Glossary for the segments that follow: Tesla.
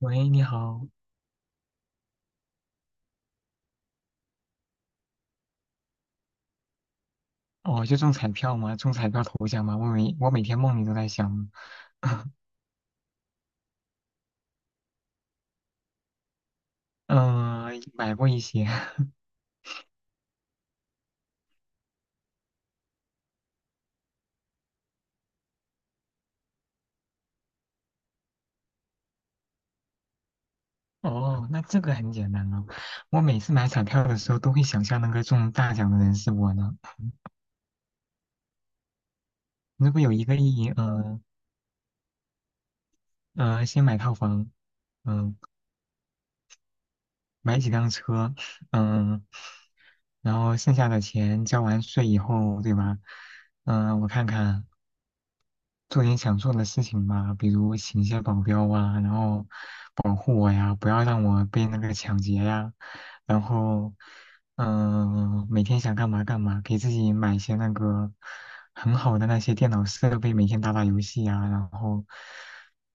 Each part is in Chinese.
喂，你好。哦，就中彩票吗？中彩票头奖吗？我每天梦里都在想，嗯，买过一些，哦，那这个很简单了。我每次买彩票的时候都会想象那个中大奖的人是我呢。如果有一个亿，先买套房，嗯、买几辆车，嗯、然后剩下的钱交完税以后，对吧？我看看。做点想做的事情吧，比如请一些保镖啊，然后保护我呀，不要让我被那个抢劫呀。然后，每天想干嘛干嘛，给自己买一些那个很好的那些电脑设备，每天打打游戏呀。然后，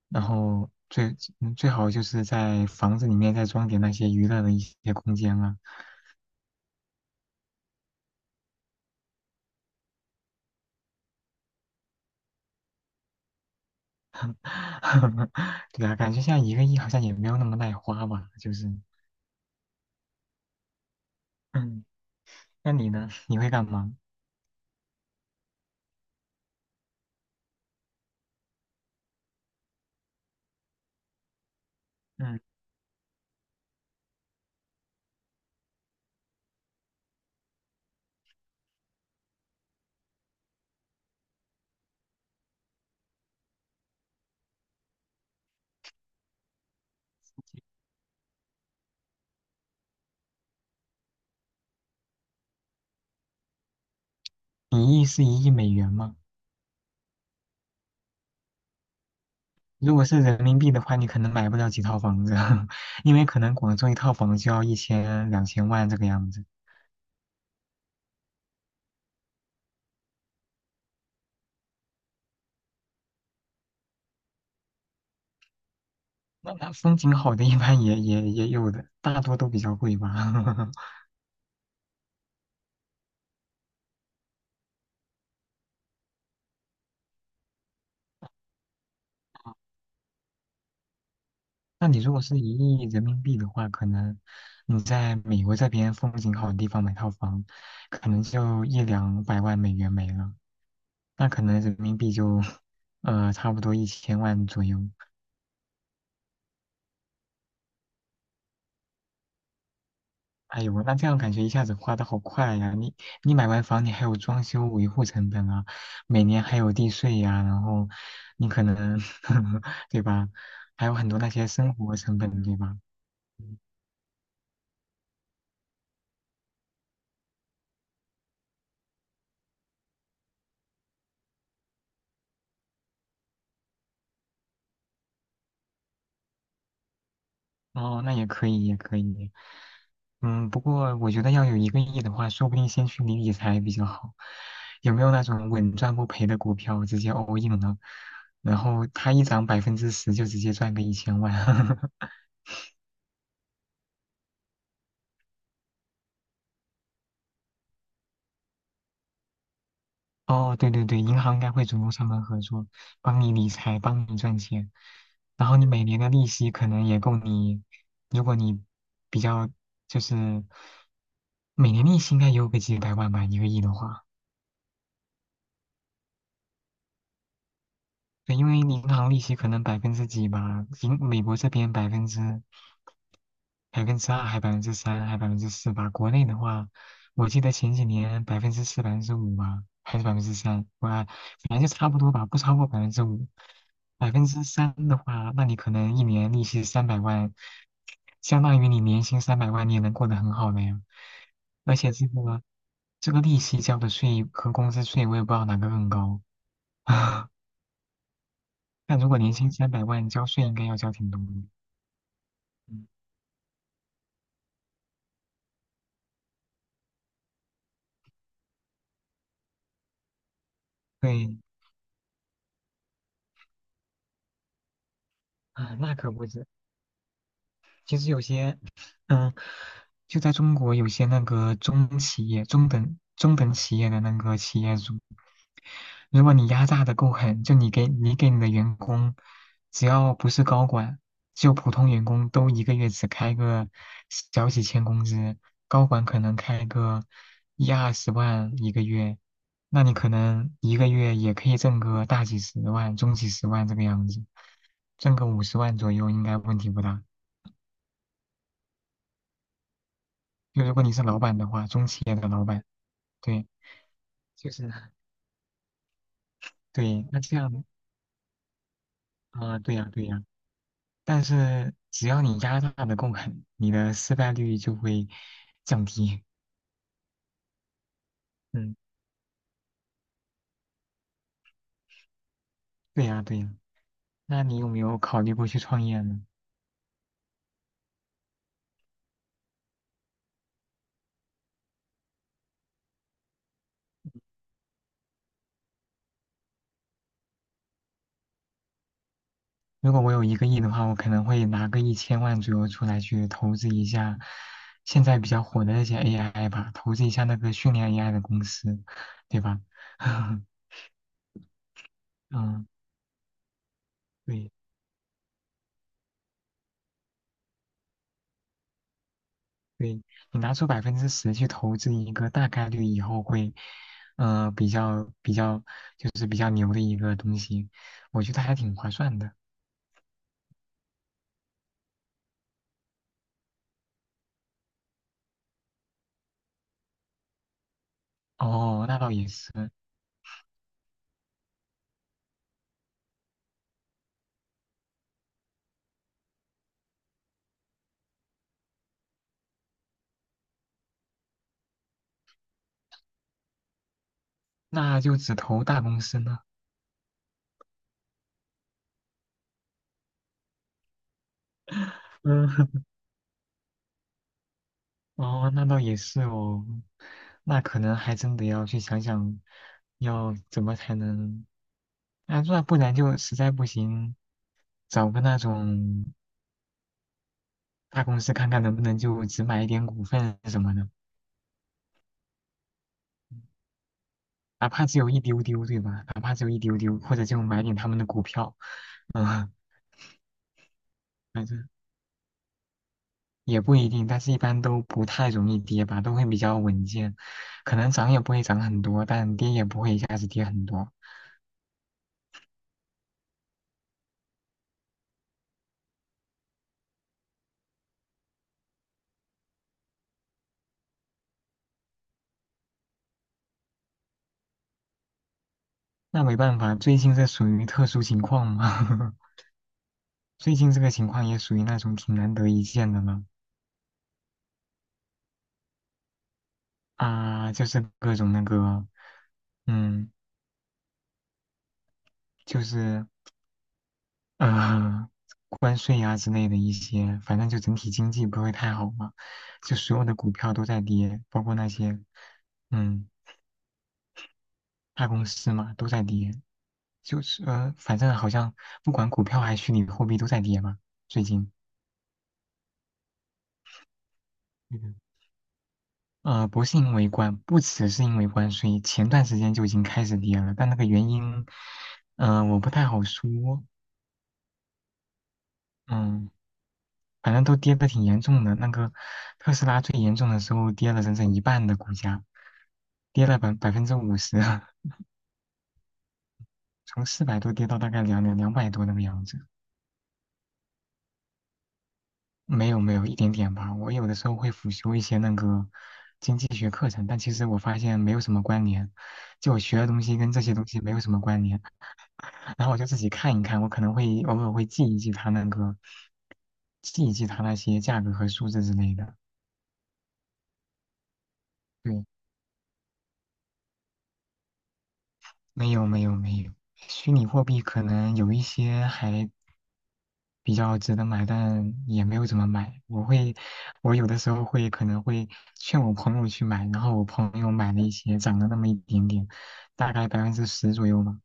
然后最好就是在房子里面再装点那些娱乐的一些空间啊。对啊，感觉现在一个亿好像也没有那么耐花吧，就是，嗯，那你呢？你会干嘛？嗯。一亿是一亿美元吗？如果是人民币的话，你可能买不了几套房子啊，因为可能广州一套房就要一千两千万这个样子。那风景好的，一般也有的，大多都比较贵吧。那你如果是一亿人民币的话，可能你在美国这边风景好的地方买套房，可能就一两百万美元没了，那可能人民币就差不多一千万左右。哎呦，那这样感觉一下子花的好快呀！你买完房，你还有装修维护成本啊，每年还有地税呀，然后你可能 对吧，还有很多那些生活成本，对吧？嗯哦，那也可以，也可以。不过我觉得要有一个亿的话，说不定先去理理财比较好。有没有那种稳赚不赔的股票直接 all in 了，然后它一涨百分之十就直接赚个一千万？哦，对对对，银行应该会主动上门合作，帮你理财，帮你赚钱。然后你每年的利息可能也够你，如果你比较就是每年利息应该也有个几百万吧，一个亿的话。对，因为银行利息可能百分之几吧，美国这边百分之二还百分之三还百分之四吧。国内的话，我记得前几年百分之四、百分之五吧，还是百分之三，我反正就差不多吧，不超过百分之五。百分之三的话，那你可能一年利息三百万，相当于你年薪三百万，你也能过得很好了呀。而且这个利息交的税和工资税，我也不知道哪个更高。但如果年薪300万，交税应该要交挺多的。嗯对，啊，那可不止。其实有些，嗯，就在中国有些那个中企业、中等企业的那个企业主，如果你压榨的够狠，就你给你的员工，只要不是高管，就普通员工都一个月只开个小几千工资，高管可能开个10-20万一个月，那你可能一个月也可以挣个大几十万、中几十万这个样子，挣个50万左右应该问题不大。就如果你是老板的话，中企业的老板，对，就是对，那这样，啊，对呀，对呀，但是只要你压榨的够狠，你的失败率就会降低。嗯，对呀，对呀，那你有没有考虑过去创业呢？如果我有一个亿的话，我可能会拿个一千万左右出来去投资一下现在比较火的那些 AI 吧，投资一下那个训练 AI 的公司，对吧？嗯，对。对，你拿出百分之十去投资一个大概率以后会，比较就是比较牛的一个东西，我觉得还挺划算的。哦，那倒也是。那就只投大公司呢。嗯，哦，那倒也是哦。那可能还真得要去想想，要怎么才能，那不然就实在不行，找个那种大公司看看能不能就只买一点股份什么的。哪怕只有一丢丢，对吧？哪怕只有一丢丢，或者就买点他们的股票。嗯，反正也不一定，但是一般都不太容易跌吧，都会比较稳健，可能涨也不会涨很多，但跌也不会一下子跌很多。那没办法，最近这属于特殊情况嘛，最近这个情况也属于那种挺难得一见的了。啊，就是各种那个，嗯，就是呃，关税啊之类的一些，反正就整体经济不会太好嘛，就所有的股票都在跌，包括那些，嗯，大公司嘛都在跌。就是反正好像不管股票还是虚拟货币都在跌嘛，最近。嗯不是因为关，不只是因为关税，前段时间就已经开始跌了。但那个原因，我不太好说。嗯。反正都跌得挺严重的。那个特斯拉最严重的时候跌了整整一半的股价，跌了百分之五十，从400多跌到大概两百多那个样子。没有没有，一点点吧。我有的时候会辅修一些那个经济学课程，但其实我发现没有什么关联，就我学的东西跟这些东西没有什么关联。然后我就自己看一看，我可能会偶尔会记一记它那个，记一记它那些价格和数字之类的。对，没有没有没有，虚拟货币可能有一些还比较值得买，但也没有怎么买。我有的时候会可能会劝我朋友去买，然后我朋友买了一些，涨了那么一点点，大概百分之十左右嘛，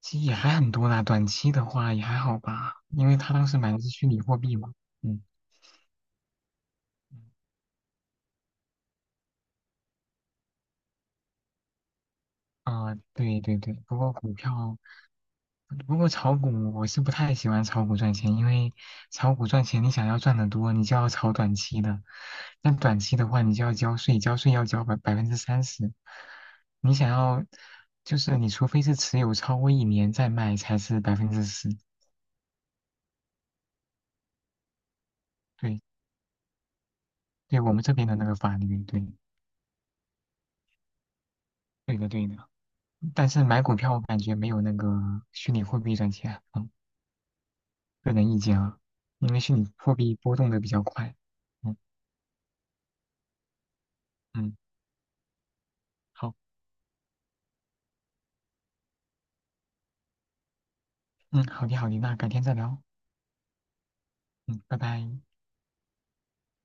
其实也还很多啦。短期的话也还好吧，因为他当时买的是虚拟货币嘛。嗯，啊，对对对，不过股票。不过炒股我是不太喜欢炒股赚钱，因为炒股赚钱，你想要赚得多，你就要炒短期的。但短期的话，你就要交税，交税要交百分之三十。你想要，就是你除非是持有超过一年再卖，才是百分之十。对，对我们这边的那个法律。对，对的，对的。但是买股票，我感觉没有那个虚拟货币赚钱。嗯，个人意见啊，因为虚拟货币波动的比较快。嗯嗯，好，嗯，好的好的，那改天再聊。嗯，拜拜。